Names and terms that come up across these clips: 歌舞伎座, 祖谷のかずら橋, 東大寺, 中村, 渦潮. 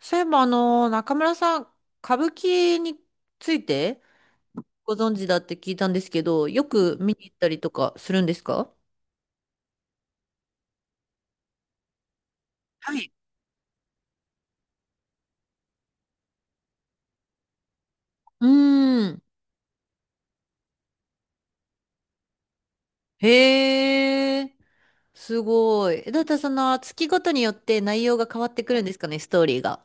そういえば、中村さん、歌舞伎についてご存知だって聞いたんですけど、よく見に行ったりとかするんですか？はい。うーん。へえ、すごい。えだってその月ごとによって内容が変わってくるんですかね、ストーリーが。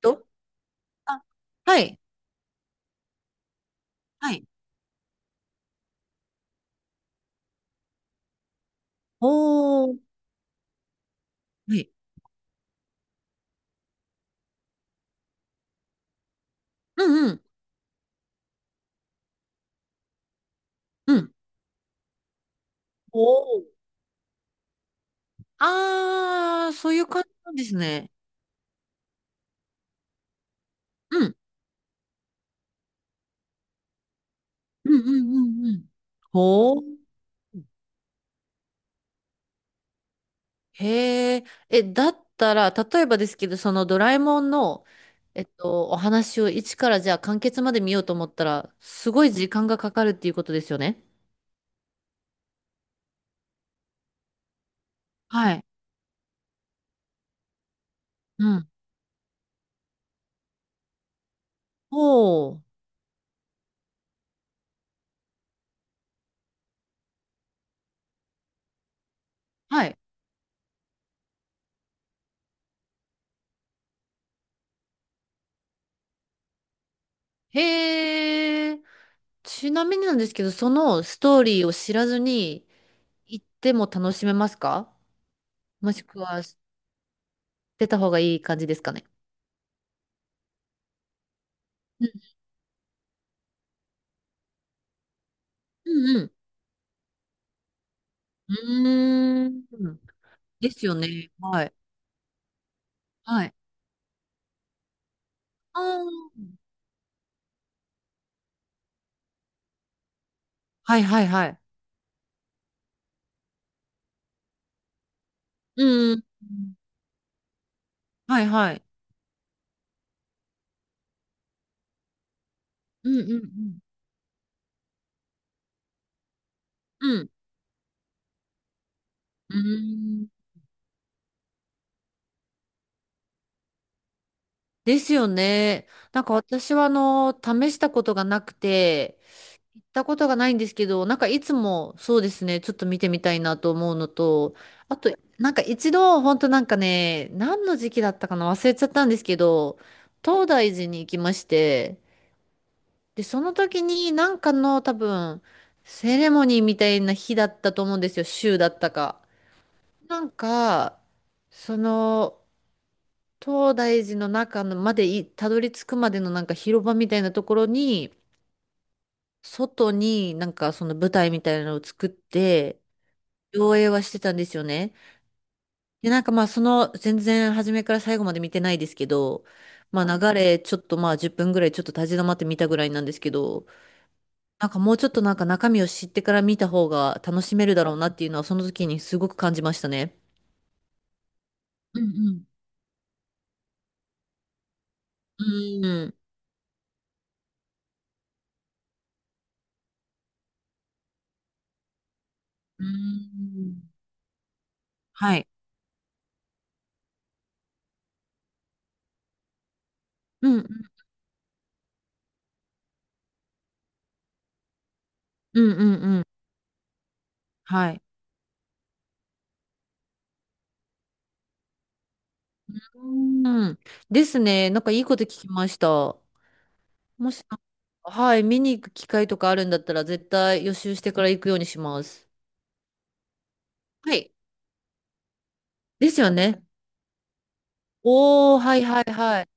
とあ、はい。はい。おー。はい。うんうん。うん。おーあー、そういう感じなんですね。うん。うんうんうんうん。ほー。へえ、え、だったら、例えばですけど、そのドラえもんの、お話を一からじゃあ完結まで見ようと思ったら、すごい時間がかかるっていうことですよね。はい。うん。おーはい。へえ、ちなみになんですけど、そのストーリーを知らずに行っても楽しめますか？もしくは知ってた方がいい感じですかね。うんうんうん。うーん。ですよね。はい。はい。あーはいはいはい。うん。はいはい。うんうんうん。うん。うん。ですよね。なんか私は試したことがなくて、行ったことがないんですけど、なんかいつもそうですね、ちょっと見てみたいなと思うのと、あと、なんか一度、本当なんかね、何の時期だったかな忘れちゃったんですけど、東大寺に行きまして、で、その時になんかの多分、セレモニーみたいな日だったと思うんですよ、週だったか。なんか、その、東大寺の中のまでいたどり着くまでのなんか広場みたいなところに、外になんかその舞台みたいなのを作って、上映はしてたんですよね。で、なんかまあその全然初めから最後まで見てないですけど、まあ流れちょっとまあ10分ぐらいちょっと立ち止まって見たぐらいなんですけど、なんかもうちょっとなんか中身を知ってから見た方が楽しめるだろうなっていうのはその時にすごく感じましたね。うんうん。うん。うん。はい。うん、うん、うん、うん。はい。うん。ですね。なんかいいこと聞きました。もし、はい、見に行く機会とかあるんだったら、絶対予習してから行くようにします。はい。ですよね。おー、はい、はい、はい。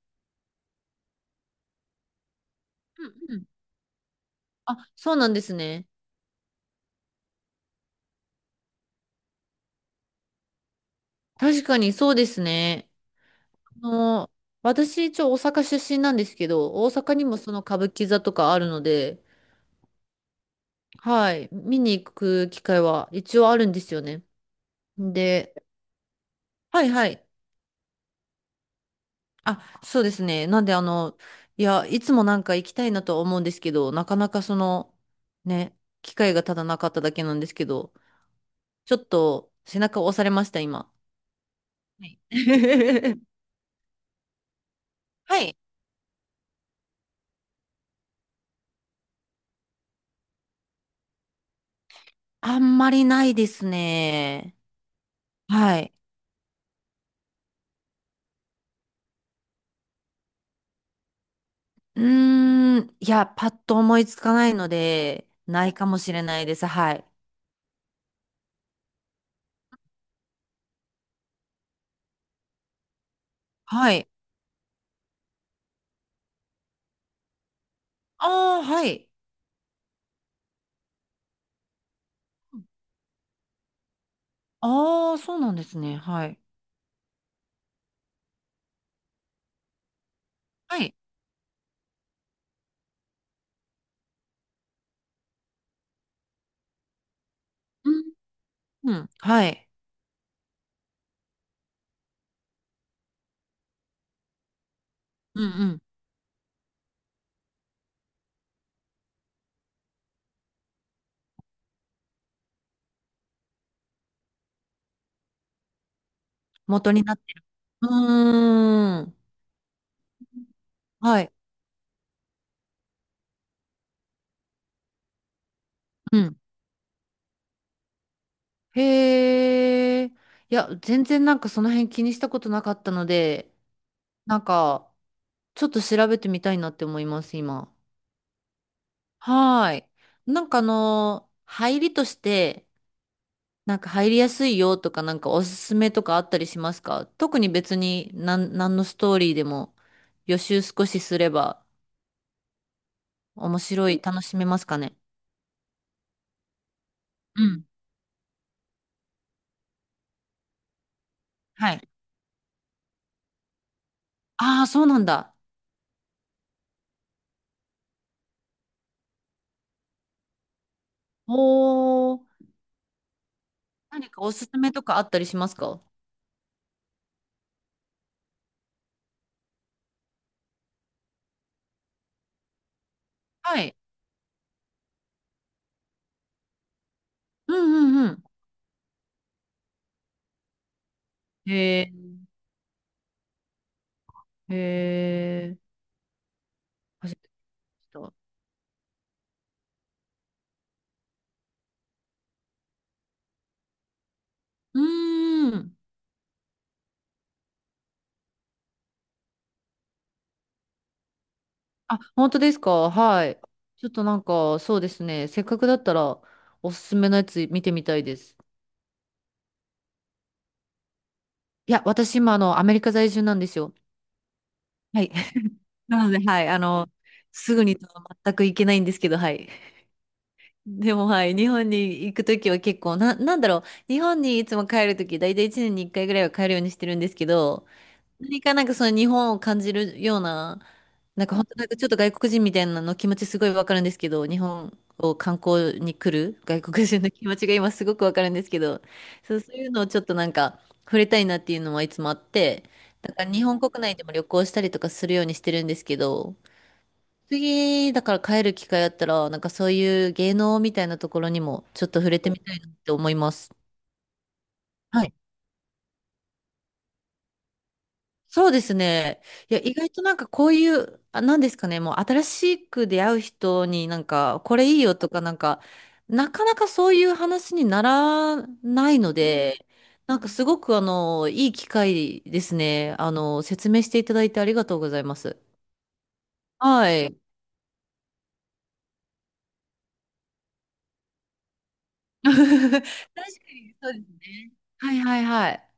うんうん。あ、そうなんですね。確かにそうですね。あの、私、一応大阪出身なんですけど、大阪にもその歌舞伎座とかあるので、はい、見に行く機会は一応あるんですよね。で、はいはい。あ、そうですね。なんで、いや、いつもなんか行きたいなとは思うんですけど、なかなかね、機会がただなかっただけなんですけど、ちょっと背中を押されました、今。はい。はい。あんまりないですね。はい。うーん、いや、パッと思いつかないので、ないかもしれないです。はい。はい。ああ、はい。ああ、そうなんですね。はい。はい。うん、うん。はい。うんうん。元になうーん。はい。うん。へえ。いや、全然なんかその辺気にしたことなかったので、なんか、ちょっと調べてみたいなって思います、今。はーい。なんか入りとして、なんか入りやすいよとか、なんかおすすめとかあったりしますか？特に別に、何のストーリーでも予習少しすれば面白い、楽しめますかね？うん。はい。ああ、そうなんだ。おー。何かおすすめとかあったりしますか？はい。うんうんうん。へえ、へえ、初めて聞いた。うーん。あ、本当ですか？はい。ちょっとなんか、そうですね。せっかくだったら、おすすめのやつ見てみたいです。いや、私今、アメリカ在住なんですよ。はい。なので、はい。すぐにとは全く行けないんですけど、はい。でも、はい。日本に行くときは結構、なんだろう。日本にいつも帰るとき、だいたい1年に1回ぐらいは帰るようにしてるんですけど、何かなんかその日本を感じるような、なんか本当なんかちょっと外国人みたいなの気持ちすごいわかるんですけど、日本を観光に来る外国人の気持ちが今すごくわかるんですけど、そういうのをちょっとなんか触れたいなっていうのはいつもあって、だから日本国内でも旅行したりとかするようにしてるんですけど、次だから帰る機会あったら、なんかそういう芸能みたいなところにもちょっと触れてみたいなって思います。はい。そうですね。いや、意外となんかこういう、あ、なんですかね、もう新しく出会う人になんか、これいいよとかなんか、なかなかそういう話にならないので、なんかすごくいい機会ですね。説明していただいてありがとうございます。はい。確かにそうですね。はいはいはい。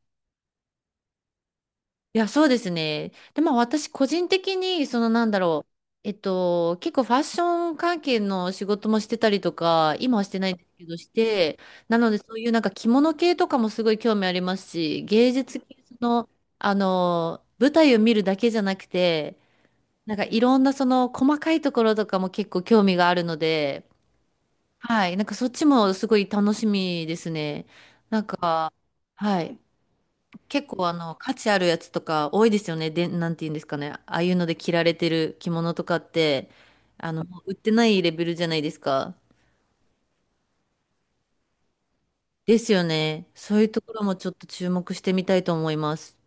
いや、そうですね。で、まあ私個人的に、なんだろう、結構ファッション関係の仕事もしてたりとか、今はしてないんですけどして、なのでそういうなんか着物系とかもすごい興味ありますし、芸術系の、舞台を見るだけじゃなくて、なんかいろんなその細かいところとかも結構興味があるので、はい、なんかそっちもすごい楽しみですね。なんか、はい。結構価値あるやつとか多いですよね。で、なんて言うんですかね。ああいうので着られてる着物とかって、もう売ってないレベルじゃないですか。ですよね。そういうところもちょっと注目してみたいと思います。